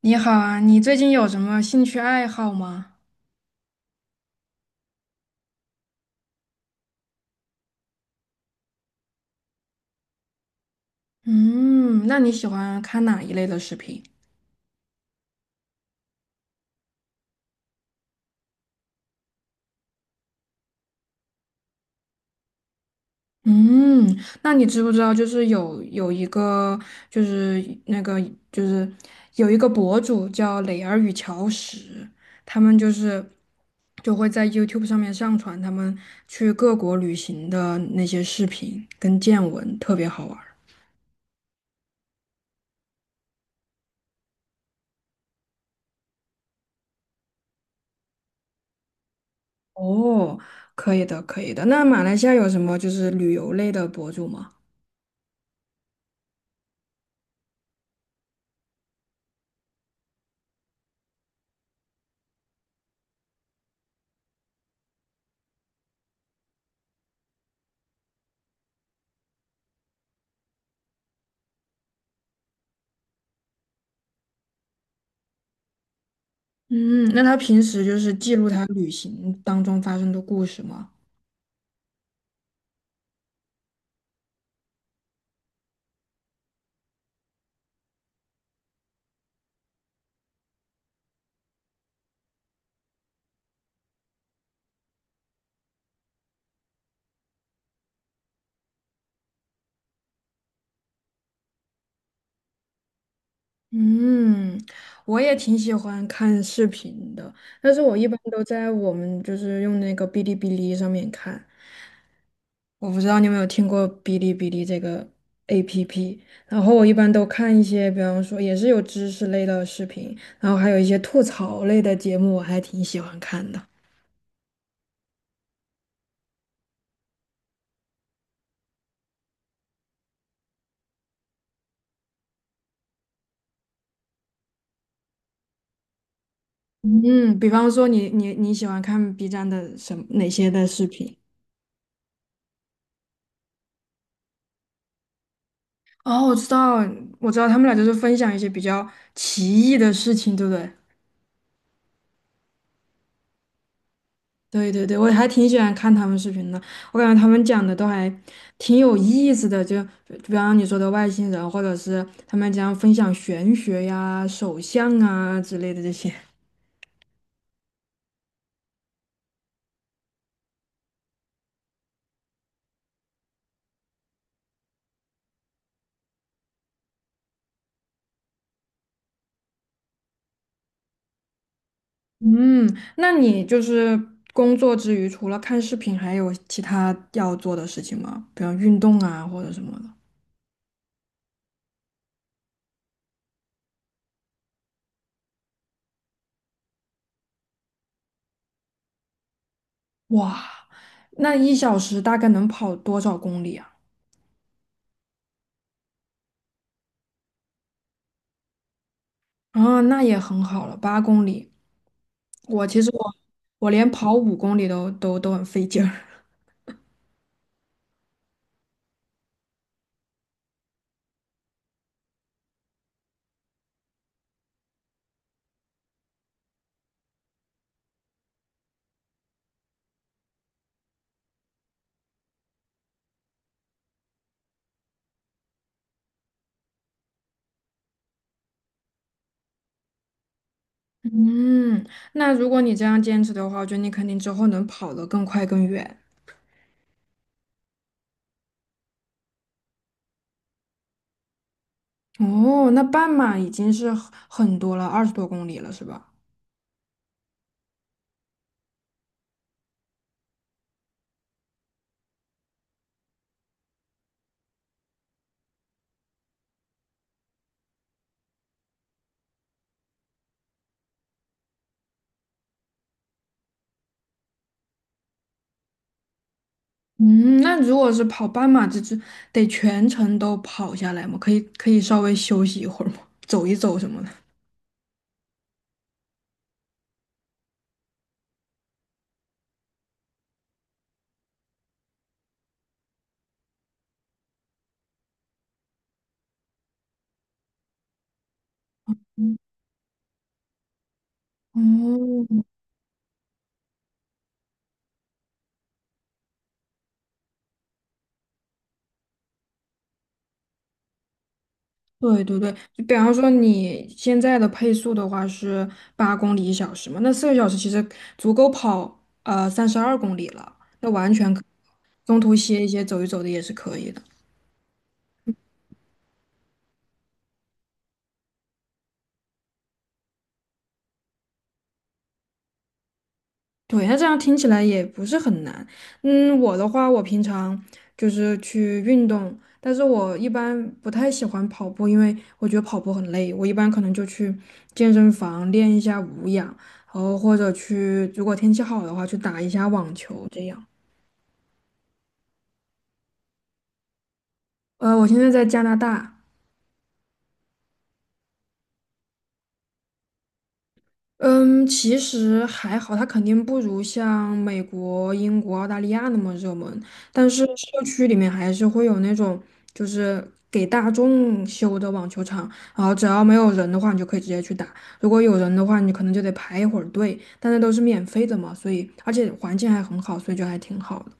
你好啊，你最近有什么兴趣爱好吗？嗯，那你喜欢看哪一类的视频？嗯，那你知不知道，就是有一个，就是那个，就是有一个博主叫磊儿与乔石，他们就是就会在 YouTube 上面上传他们去各国旅行的那些视频跟见闻，特别好玩儿。哦，可以的，可以的。那马来西亚有什么就是旅游类的博主吗？嗯，那他平时就是记录他旅行当中发生的故事吗？嗯，我也挺喜欢看视频的，但是我一般都在我们就是用那个哔哩哔哩上面看。我不知道你有没有听过哔哩哔哩这个 APP，然后我一般都看一些，比方说也是有知识类的视频，然后还有一些吐槽类的节目，我还挺喜欢看的。嗯，比方说你喜欢看 B 站的什么哪些的视频？哦，我知道，我知道，他们俩就是分享一些比较奇异的事情，对不对？对对对，我还挺喜欢看他们视频的，我感觉他们讲的都还挺有意思的，就比方你说的外星人，或者是他们讲分享玄学呀、手相啊之类的这些。嗯，那你就是工作之余，除了看视频，还有其他要做的事情吗？比方运动啊，或者什么的。哇，那一小时大概能跑多少公里啊？哦，那也很好了，八公里。我其实我连跑五公里都很费劲儿。嗯，那如果你这样坚持的话，我觉得你肯定之后能跑得更快更远。哦，那半马已经是很多了，二十多公里了，是吧？嗯，那如果是跑半马，这得全程都跑下来吗？可以可以稍微休息一会儿吗？走一走什么的。哦，对对对，就比方说你现在的配速的话是八公里一小时嘛，那四个小时其实足够跑三十二公里了，那完全可以中途歇一歇、走一走的也是可以的。对，那这样听起来也不是很难。嗯，我的话，我平常就是去运动，但是我一般不太喜欢跑步，因为我觉得跑步很累。我一般可能就去健身房练一下无氧，然后或者去，如果天气好的话，去打一下网球这样。我现在在加拿大。嗯，其实还好，它肯定不如像美国、英国、澳大利亚那么热门，但是社区里面还是会有那种就是给大众修的网球场，然后只要没有人的话，你就可以直接去打；如果有人的话，你可能就得排一会儿队，但那都是免费的嘛，所以而且环境还很好，所以就还挺好的。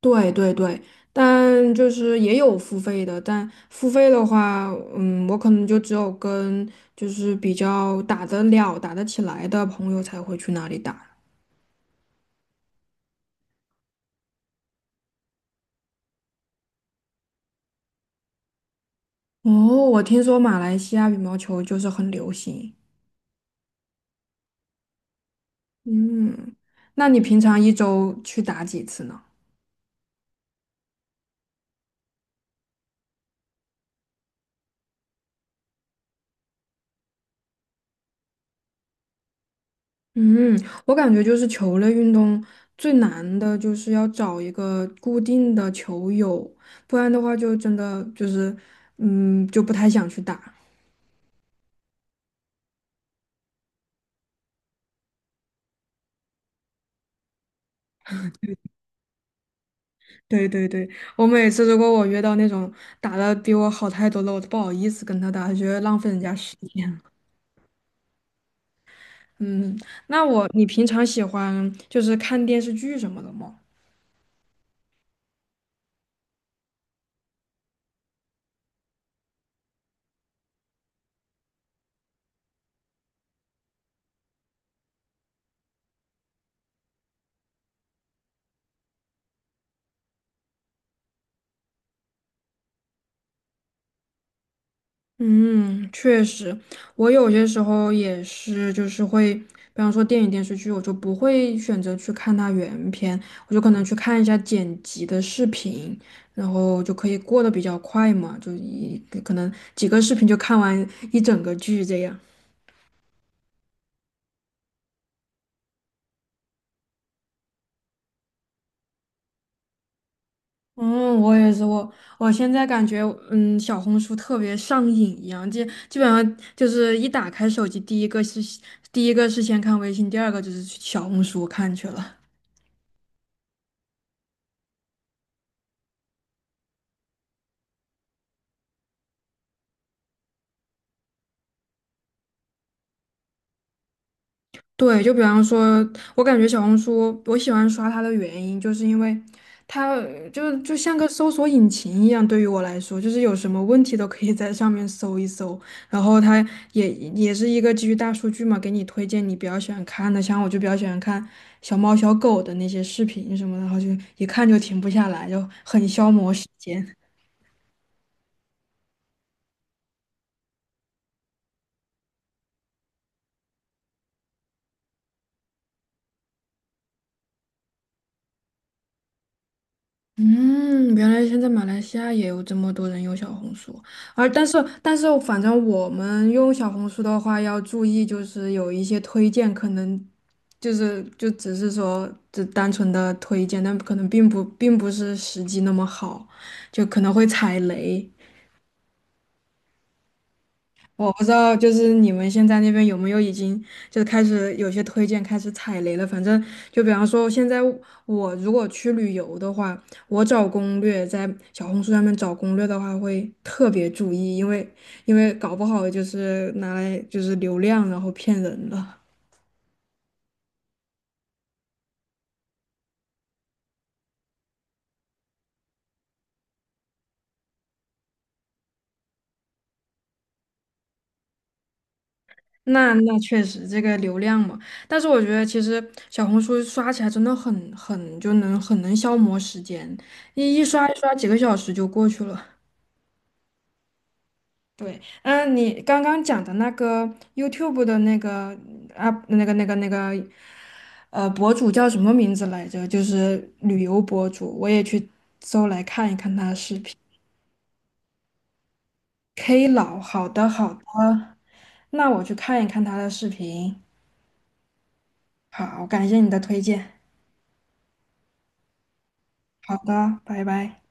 对对对，但就是也有付费的，但付费的话，嗯，我可能就只有跟就是比较打得了、打得起来的朋友才会去那里打。哦，我听说马来西亚羽毛球就是很流行。嗯，那你平常一周去打几次呢？嗯，我感觉就是球类运动最难的就是要找一个固定的球友，不然的话就真的就是，嗯，就不太想去打。对对对，我每次如果我约到那种打的比我好太多了，我都不好意思跟他打，觉得浪费人家时间了嗯，那我，你平常喜欢就是看电视剧什么的吗？嗯，确实，我有些时候也是，就是会，比方说电影电视剧，我就不会选择去看它原片，我就可能去看一下剪辑的视频，然后就可以过得比较快嘛，可能几个视频就看完一整个剧这样。嗯，我也是，我我现在感觉，嗯，小红书特别上瘾一样，基本上就是一打开手机，第一个是先看微信，第二个就是去小红书看去了。对，就比方说，我感觉小红书我喜欢刷它的原因，就是因为它就像个搜索引擎一样，对于我来说，就是有什么问题都可以在上面搜一搜，然后它也是一个基于大数据嘛，给你推荐你比较喜欢看的，像我就比较喜欢看小猫小狗的那些视频什么的，然后就一看就停不下来，就很消磨时间。嗯，原来现在马来西亚也有这么多人用小红书，而但是但是，反正我们用小红书的话要注意，就是有一些推荐可能就是就只是说只单纯的推荐，但可能并不是实际那么好，就可能会踩雷。我不知道，就是你们现在那边有没有已经就开始有些推荐开始踩雷了？反正就比方说，现在我如果去旅游的话，我找攻略在小红书上面找攻略的话，会特别注意，因为搞不好就是拿来就是流量，然后骗人的。那那确实这个流量嘛，但是我觉得其实小红书刷起来真的很就能很能消磨时间，一刷几个小时就过去了。对，嗯，你刚刚讲的那个 YouTube 的那个啊，那个，博主叫什么名字来着？就是旅游博主，我也去搜来看一看他的视频。K 老，好的好的，那我去看一看他的视频。好，感谢你的推荐。好的，拜拜。